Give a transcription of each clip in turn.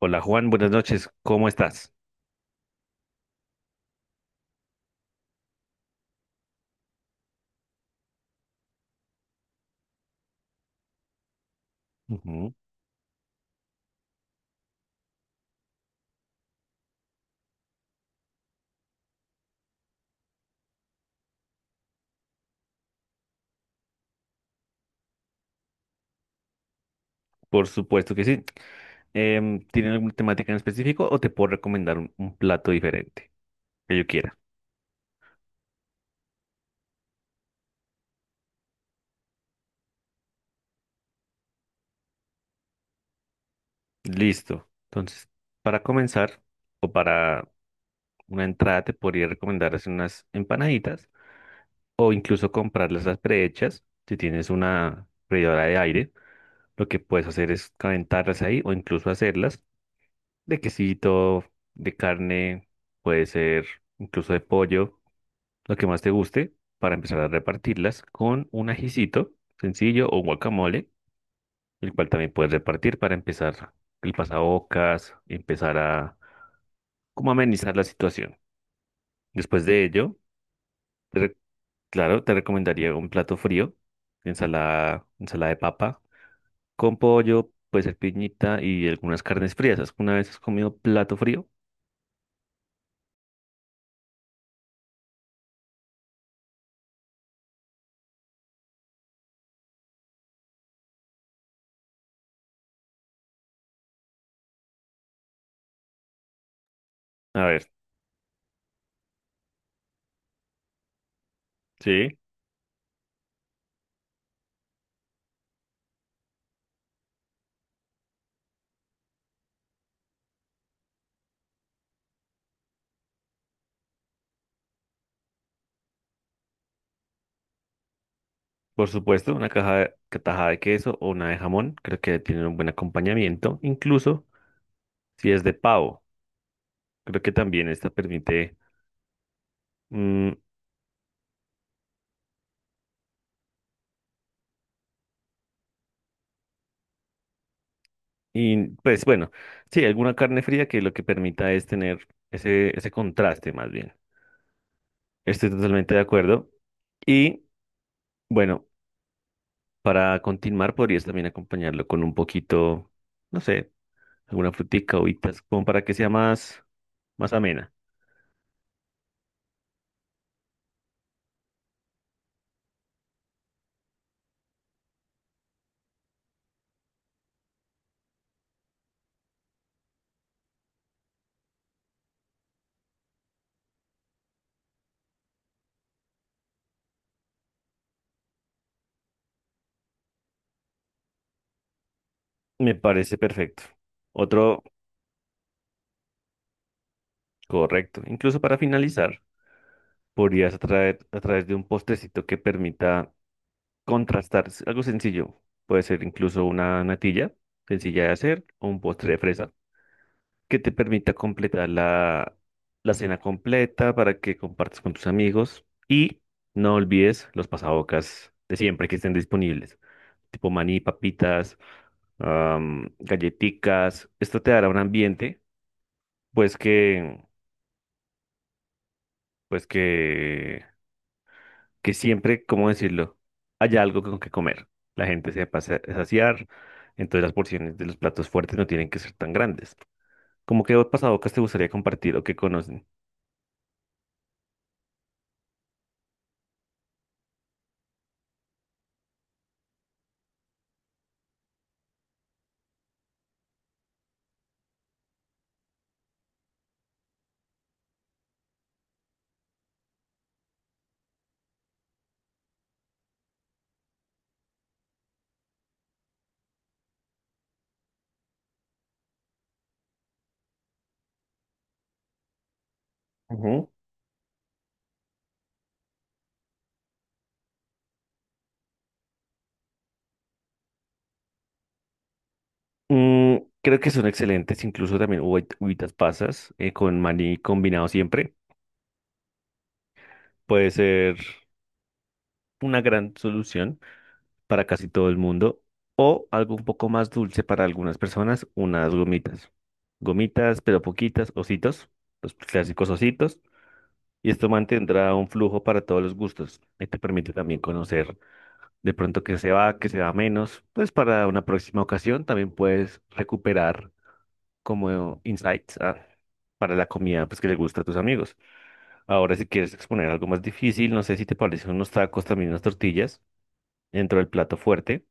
Hola Juan, buenas noches, ¿cómo estás? Ujú. Por supuesto que sí. ¿Tienen alguna temática en específico o te puedo recomendar un plato diferente que yo quiera? Listo. Entonces, para comenzar o para una entrada te podría recomendar hacer unas empanaditas o incluso comprarlas las prehechas. Si tienes una freidora de aire, lo que puedes hacer es calentarlas ahí o incluso hacerlas de quesito, de carne, puede ser incluso de pollo. Lo que más te guste para empezar a repartirlas con un ajicito sencillo o guacamole, el cual también puedes repartir para empezar el pasabocas, empezar a como amenizar la situación. Después de ello, te re- claro, te recomendaría un plato frío, ensalada de papa con pollo, puede ser piñita y algunas carnes frías. ¿Una vez has comido plato frío? A ver, sí, por supuesto, una tajada de queso o una de jamón, creo que tienen un buen acompañamiento. Incluso si es de pavo, creo que también esta permite, mm, y pues bueno, sí, alguna carne fría que lo que permita es tener ese contraste más bien. Estoy totalmente de acuerdo. Y bueno, para continuar podrías también acompañarlo con un poquito, no sé, alguna frutica, uvitas, como para que sea más amena. Me parece perfecto. Otro correcto. Incluso para finalizar, podrías atraer a través de un postrecito que permita contrastar, es algo sencillo. Puede ser incluso una natilla sencilla de hacer o un postre de fresa que te permita completar la cena completa para que compartas con tus amigos y no olvides los pasabocas de siempre que estén disponibles, tipo maní, papitas, galleticas. Esto te dará un ambiente pues que pues que que siempre, ¿cómo decirlo? Haya algo con que comer. La gente se pasa a saciar, entonces las porciones de los platos fuertes no tienen que ser tan grandes. ¿Cómo qué pasabocas te gustaría compartir o que conocen? Ujú. Mm, Creo que son excelentes, incluso también uvitas pasas con maní combinado siempre. Puede ser una gran solución para casi todo el mundo o algo un poco más dulce para algunas personas, unas gomitas. Gomitas, pero poquitas, ositos, los clásicos ositos. Y esto mantendrá un flujo para todos los gustos y te permite también conocer de pronto qué se va menos. Pues para una próxima ocasión también puedes recuperar como insights para la comida pues, que le gusta a tus amigos. Ahora si quieres exponer algo más difícil, no sé si te parecen unos tacos, también unas tortillas dentro del plato fuerte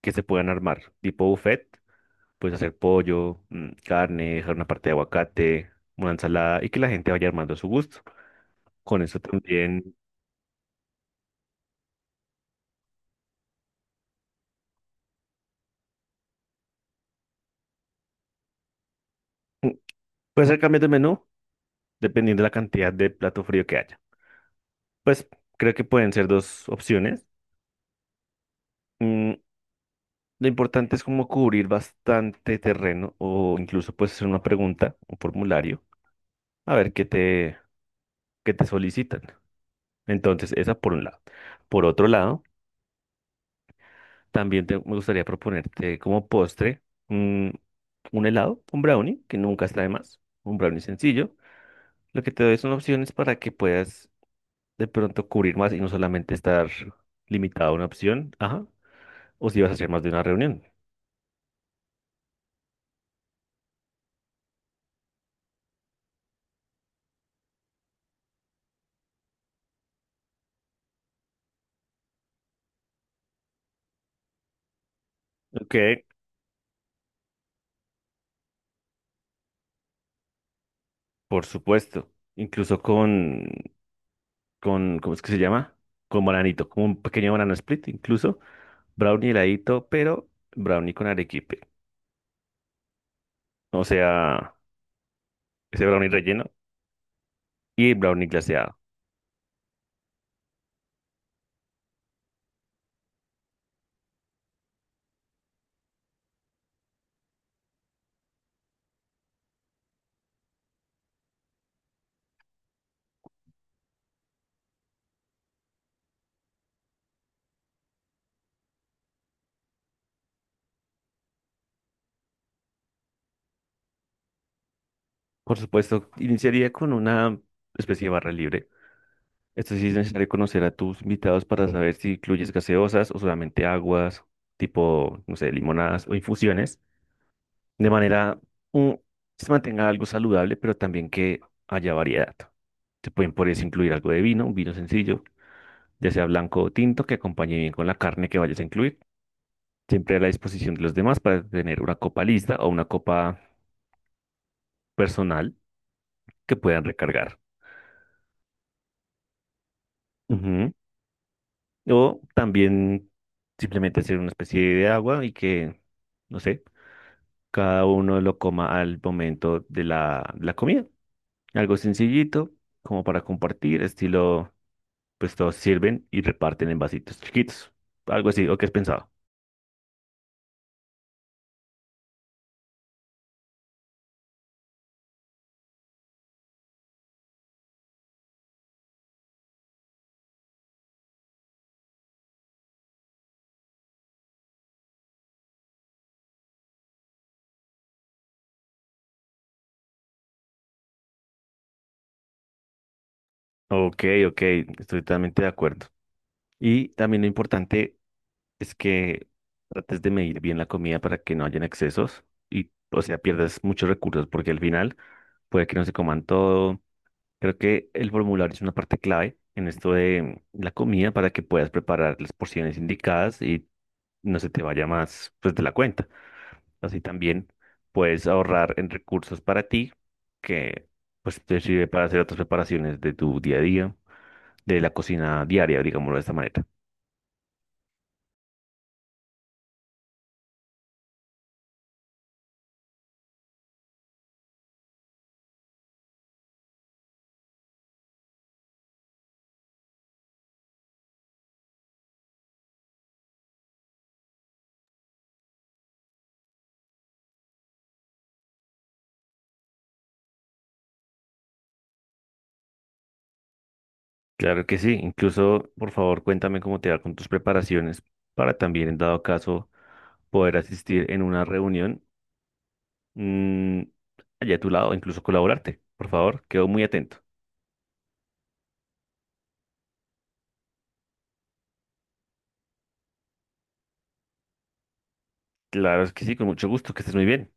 que se puedan armar, tipo buffet, puedes hacer pollo, carne, dejar una parte de aguacate, una ensalada y que la gente vaya armando a su gusto. Con eso también... Puede ser cambios de menú dependiendo de la cantidad de plato frío que haya. Pues creo que pueden ser dos opciones. Mm, lo importante es como cubrir bastante terreno o incluso puedes hacer una pregunta, un formulario, a ver qué te solicitan. Entonces, esa por un lado. Por otro lado, también me gustaría proponerte como postre, mm, un helado, un brownie, que nunca está de más, un brownie sencillo. Lo que te doy son opciones para que puedas de pronto cubrir más y no solamente estar limitado a una opción, ajá, o si vas a hacer más de una reunión. Ok, por supuesto, incluso ¿cómo es que se llama? Con bananito, como un pequeño banana split, incluso brownie heladito, pero brownie con arequipe, o sea, ese brownie relleno y brownie glaseado. Por supuesto, iniciaría con una especie de barra libre. Esto sí es necesario conocer a tus invitados para saber si incluyes gaseosas o solamente aguas, tipo, no sé, limonadas o infusiones, de manera, mm, que se mantenga algo saludable, pero también que haya variedad. Se pueden por eso incluir algo de vino, un vino sencillo, ya sea blanco o tinto, que acompañe bien con la carne que vayas a incluir. Siempre a la disposición de los demás para tener una copa lista o una copa personal que puedan recargar. Ujú. O también simplemente hacer una especie de agua y que, no sé, cada uno lo coma al momento de la comida. Algo sencillito, como para compartir, estilo, pues todos sirven y reparten en vasitos chiquitos. Algo así, ¿o qué has pensado? Ok, ok, estoy totalmente de acuerdo. Y también lo importante es que trates de medir bien la comida para que no hayan excesos y, o sea, pierdas muchos recursos porque al final puede que no se coman todo. Creo que el formulario es una parte clave en esto de la comida para que puedas preparar las porciones indicadas y no se te vaya más pues de la cuenta. Así también puedes ahorrar en recursos para ti que pues te sirve para hacer otras preparaciones de tu día a día, de la cocina diaria, digámoslo de esta manera. Claro que sí, incluso por favor cuéntame cómo te va con tus preparaciones para también en dado caso poder asistir en una reunión, mm, allá a tu lado, incluso colaborarte. Por favor, quedo muy atento. Claro que sí, con mucho gusto, que estés muy bien.